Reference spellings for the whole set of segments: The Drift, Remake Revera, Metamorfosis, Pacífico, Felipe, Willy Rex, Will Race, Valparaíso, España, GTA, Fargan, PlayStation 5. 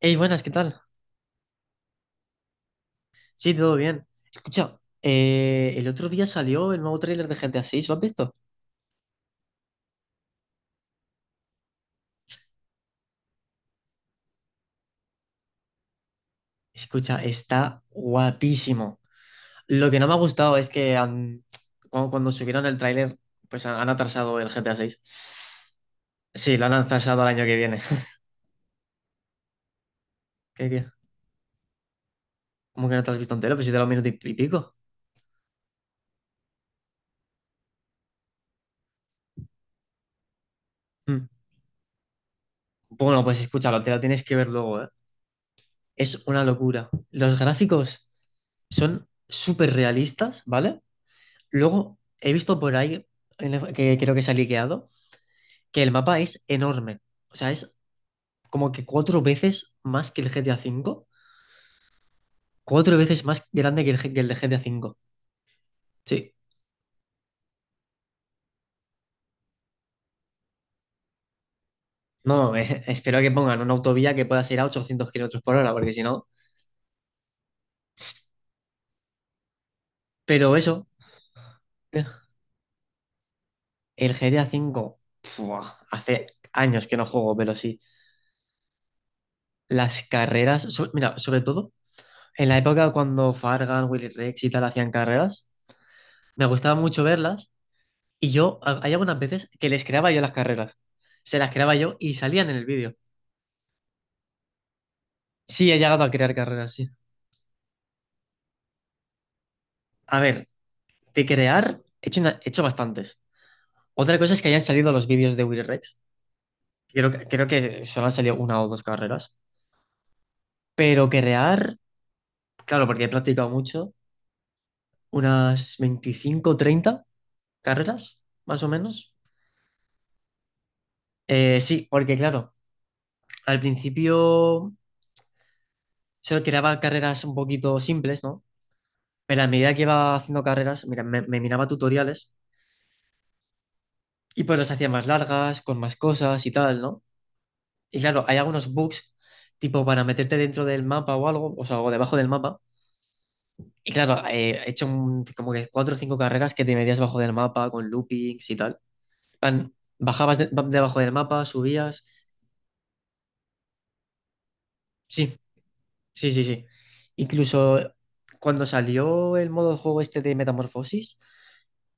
Hey, buenas, ¿qué tal? Sí, todo bien. Escucha, el otro día salió el nuevo tráiler de GTA 6, ¿lo has visto? Escucha, está guapísimo. Lo que no me ha gustado es que cuando subieron el tráiler, pues han atrasado el GTA 6. Sí, lo han atrasado al año que viene. ¿Qué, qué? ¿Cómo que no te lo has visto entero? Pues si te lo minuto y pico. Mm. Bueno, pues escúchalo, te lo tienes que ver luego, ¿eh? Es una locura. Los gráficos son súper realistas, ¿vale? Luego he visto por ahí, que creo que se ha liqueado, que el mapa es enorme. O sea, es como que cuatro veces más que el GTA 5. Cuatro veces más grande que que el de GTA 5. Sí. No, espero que pongan una autovía que pueda ir a 800 kilómetros por hora, porque si no. Pero eso, eh, el GTA 5, ¡fua! Hace años que no juego, pero sí. Las carreras, mira, sobre todo en la época cuando Fargan, Willy Rex y tal hacían carreras, me gustaba mucho verlas. Y yo, hay algunas veces que les creaba yo las carreras. Se las creaba yo y salían en el vídeo. Sí, he llegado a crear carreras, sí. A ver, de crear, he hecho bastantes. Otra cosa es que hayan salido los vídeos de Will Rex. Creo que solo han salido una o dos carreras. Pero crear, claro, porque he practicado mucho, unas 25, 30 carreras, más o menos. Sí, porque claro, al principio solo creaba carreras un poquito simples, ¿no? Pero a medida que iba haciendo carreras, mira, me miraba tutoriales y pues las hacía más largas, con más cosas y tal, ¿no? Y claro, hay algunos bugs, tipo para meterte dentro del mapa o algo, o sea, o debajo del mapa. Y claro, he hecho como que cuatro o cinco carreras que te metías debajo del mapa con loopings y tal. En plan, bajabas debajo del mapa, subías. Sí, sí, sí, sí. Incluso cuando salió el modo de juego este de Metamorfosis,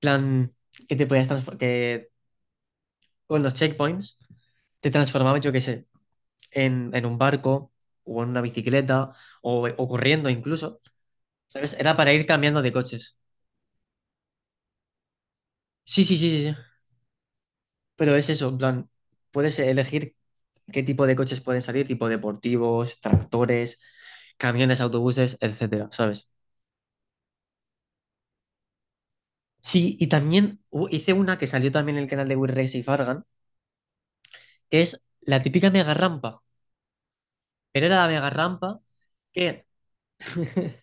plan que te podías transformar, con los checkpoints, te transformabas, yo qué sé, en un barco o en una bicicleta o corriendo incluso, ¿sabes? Era para ir cambiando de coches. Sí, sí, sí, sí, sí. Pero es eso, en plan, puedes elegir qué tipo de coches pueden salir, tipo deportivos, tractores, camiones, autobuses, etcétera, ¿sabes? Sí, y también hice una que salió también en el canal de Will Race y Fargan, que es la típica mega rampa. Pero era la mega rampa que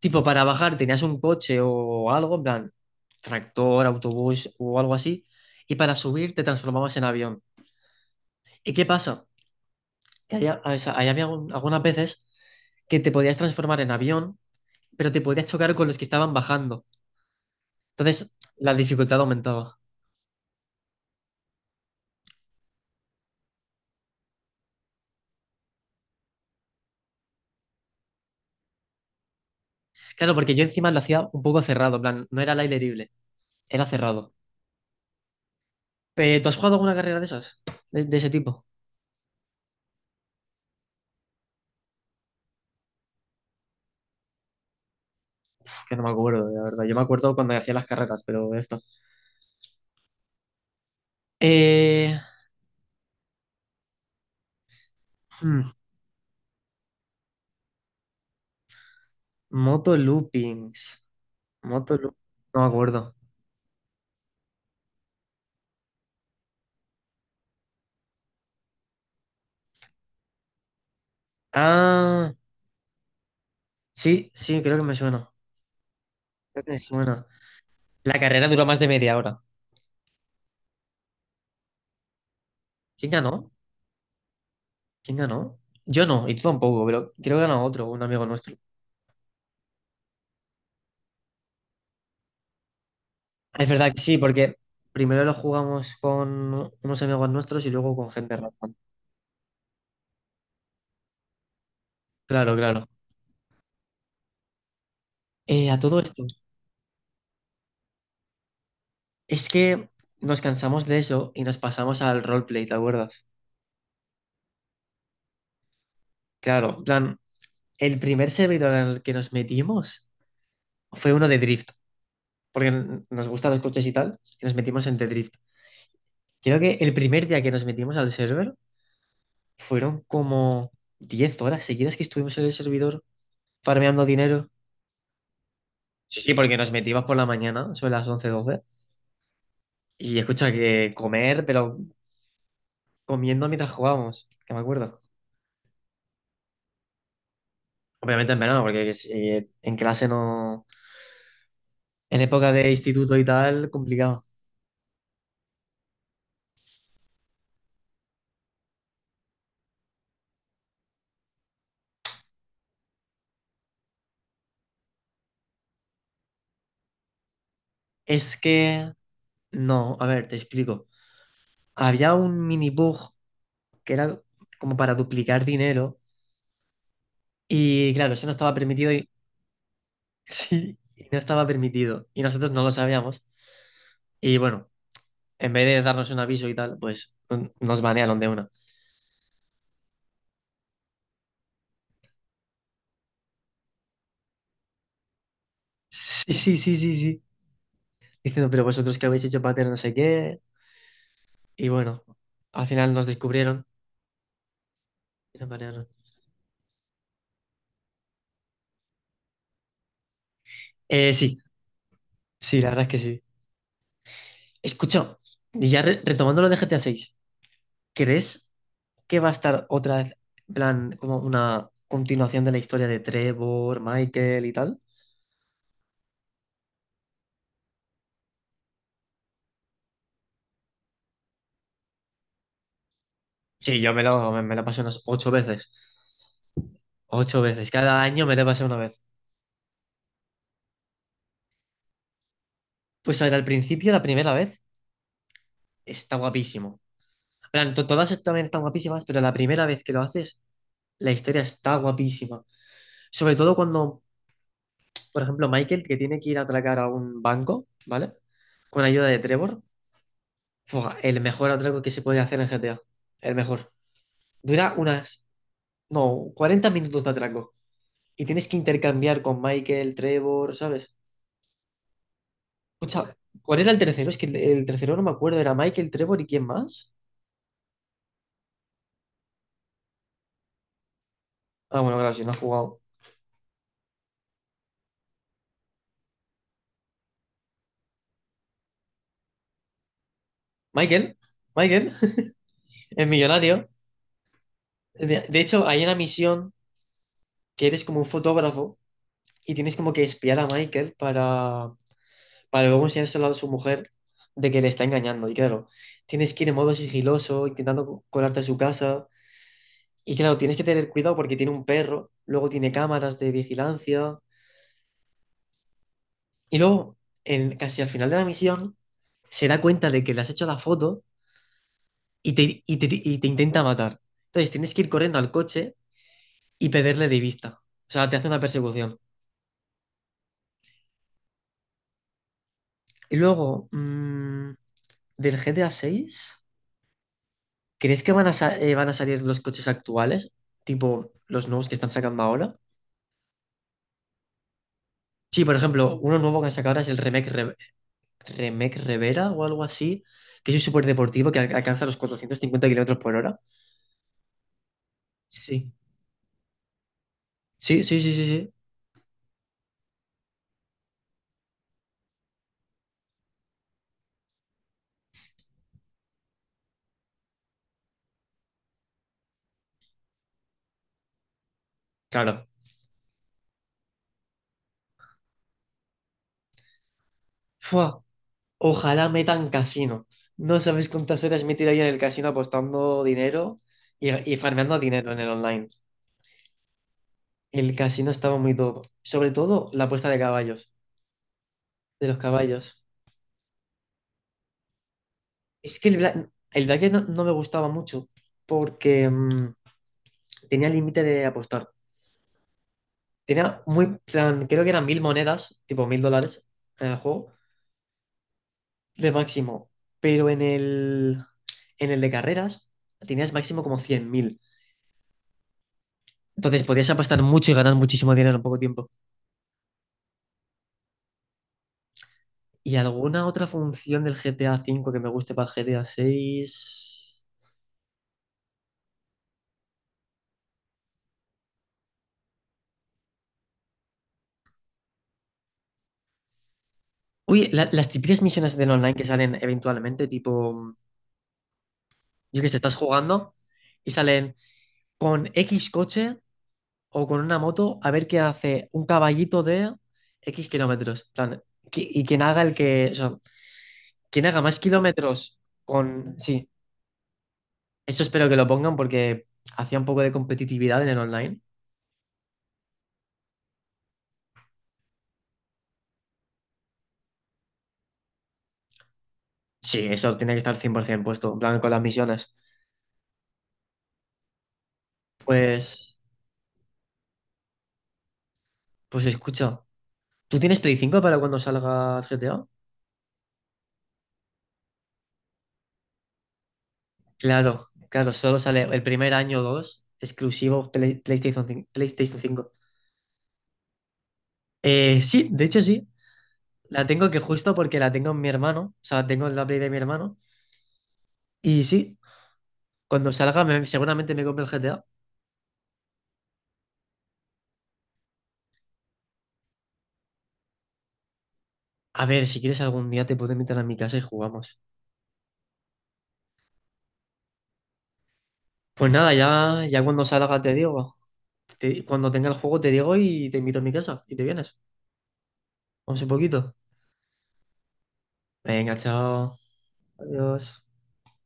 Tipo, para bajar tenías un coche o algo, en plan, tractor, autobús o algo así, y para subir te transformabas en avión. ¿Y qué pasa? Que allá, o sea, ahí había algunas veces que te podías transformar en avión, pero te podías chocar con los que estaban bajando. Entonces, la dificultad aumentaba. Claro, porque yo encima lo hacía un poco cerrado, en plan, no era al aire libre, era cerrado. ¿Tú has jugado alguna carrera de esas? ¿De ese tipo? Que no me acuerdo, la verdad. Yo me acuerdo cuando hacía las carreras, pero esto. Eh, hmm. Moto loopings. Moto loop- No me acuerdo. Ah, sí, sí, creo que me suena. Creo que me suena. La carrera duró más de media hora. ¿Quién ganó? ¿Quién ganó? Yo no, y tú tampoco, pero creo que ganó otro, un amigo nuestro. Es verdad que sí, porque primero lo jugamos con unos amigos nuestros y luego con gente random. Claro, claro. A todo esto, es que nos cansamos de eso y nos pasamos al roleplay, ¿te acuerdas? Claro, en plan, el primer servidor en el que nos metimos fue uno de Drift. Porque nos gustan los coches y tal, y nos metimos en The Drift. Creo que el primer día que nos metimos al server fueron como 10 horas seguidas que estuvimos en el servidor farmeando dinero. Sí, sí, porque nos metimos por la mañana, sobre las 11 12 y escucha que comer, pero comiendo mientras jugábamos, que me acuerdo. Obviamente en verano, porque si en clase no. En época de instituto y tal, complicado. Es que no, a ver, te explico. Había un mini bug que era como para duplicar dinero. Y claro, eso no estaba permitido y sí, y no estaba permitido. Y nosotros no lo sabíamos. Y bueno, en vez de darnos un aviso y tal, pues nos banearon de una. Sí, sí, sí, sí, sí. Diciendo, pero vosotros que habéis hecho pater no sé qué. Y bueno, al final nos descubrieron y nos banearon. Sí, sí, la verdad es que sí. Escucha, y ya retomando lo de GTA 6, ¿crees que va a estar otra vez, en plan, como una continuación de la historia de Trevor, Michael y tal? Sí, yo me lo pasé unas ocho veces. Ocho veces. Cada año me lo pasé una vez. Pues a ver, al principio, la primera vez, está guapísimo. En plan, todas también están guapísimas, pero la primera vez que lo haces, la historia está guapísima. Sobre todo cuando, por ejemplo, Michael, que tiene que ir a atracar a un banco, ¿vale? Con ayuda de Trevor. Fua, el mejor atraco que se puede hacer en GTA. El mejor. Dura unas, no, 40 minutos de atraco. Y tienes que intercambiar con Michael, Trevor, ¿sabes? Escucha, ¿cuál era el tercero? Es que el tercero no me acuerdo. ¿Era Michael, Trevor y quién más? Ah, bueno, claro, si no ha jugado. Michael, Michael, el millonario. De hecho, hay una misión que eres como un fotógrafo y tienes como que espiar a Michael para, luego enseñárselo a su mujer de que le está engañando. Y claro, tienes que ir en modo sigiloso, intentando colarte a su casa. Y claro, tienes que tener cuidado porque tiene un perro, luego tiene cámaras de vigilancia. Y luego, casi al final de la misión, se da cuenta de que le has hecho la foto y te intenta matar. Entonces tienes que ir corriendo al coche y perderle de vista. O sea, te hace una persecución. Y luego, mm, del GTA 6, ¿crees que van a salir los coches actuales? Tipo los nuevos que están sacando ahora. Sí, por ejemplo, uno nuevo que han sacado ahora es el Remake, Remake Revera o algo así, que es un superdeportivo que alcanza los 450 kilómetros por hora. Sí. Sí, sí, sí, sí, sí. Claro, fua, ojalá metan casino. No sabes cuántas horas me he tirado yo en el casino apostando dinero y farmeando dinero en el online. El casino estaba muy top. Sobre todo la apuesta de caballos, de los caballos. Es que el blackjack no me gustaba mucho porque tenía límite de apostar. Tenía muy plan, creo que eran 1.000 monedas, tipo $1.000 en el juego, de máximo. Pero en el de carreras tenías máximo como 100.000. Entonces podías apostar mucho y ganar muchísimo dinero en poco tiempo. ¿Y alguna otra función del GTA 5 que me guste para el GTA VI? Uy, las típicas misiones del online que salen eventualmente, tipo, yo qué sé, estás jugando y salen con X coche o con una moto a ver qué hace un caballito de X kilómetros. En plan, y quien haga el que, o sea, quien haga más kilómetros con. Sí, eso espero que lo pongan porque hacía un poco de competitividad en el online. Sí, eso tiene que estar 100% puesto, en plan con las misiones. Pues, pues escucha, ¿tú tienes Play 5 para cuando salga GTA? Claro, claro, solo sale el primer año o dos, exclusivo PlayStation 5. PlayStation 5. Sí, de hecho sí, la tengo, que justo porque la tengo en mi hermano, o sea, tengo la Play de mi hermano. Y sí, cuando salga seguramente me compro el GTA. A ver, si quieres algún día te puedo invitar a mi casa y jugamos. Pues nada, ya cuando salga te digo. Cuando tenga el juego te digo y te invito a mi casa y te vienes. Vamos un poquito. Venga, chao. Adiós.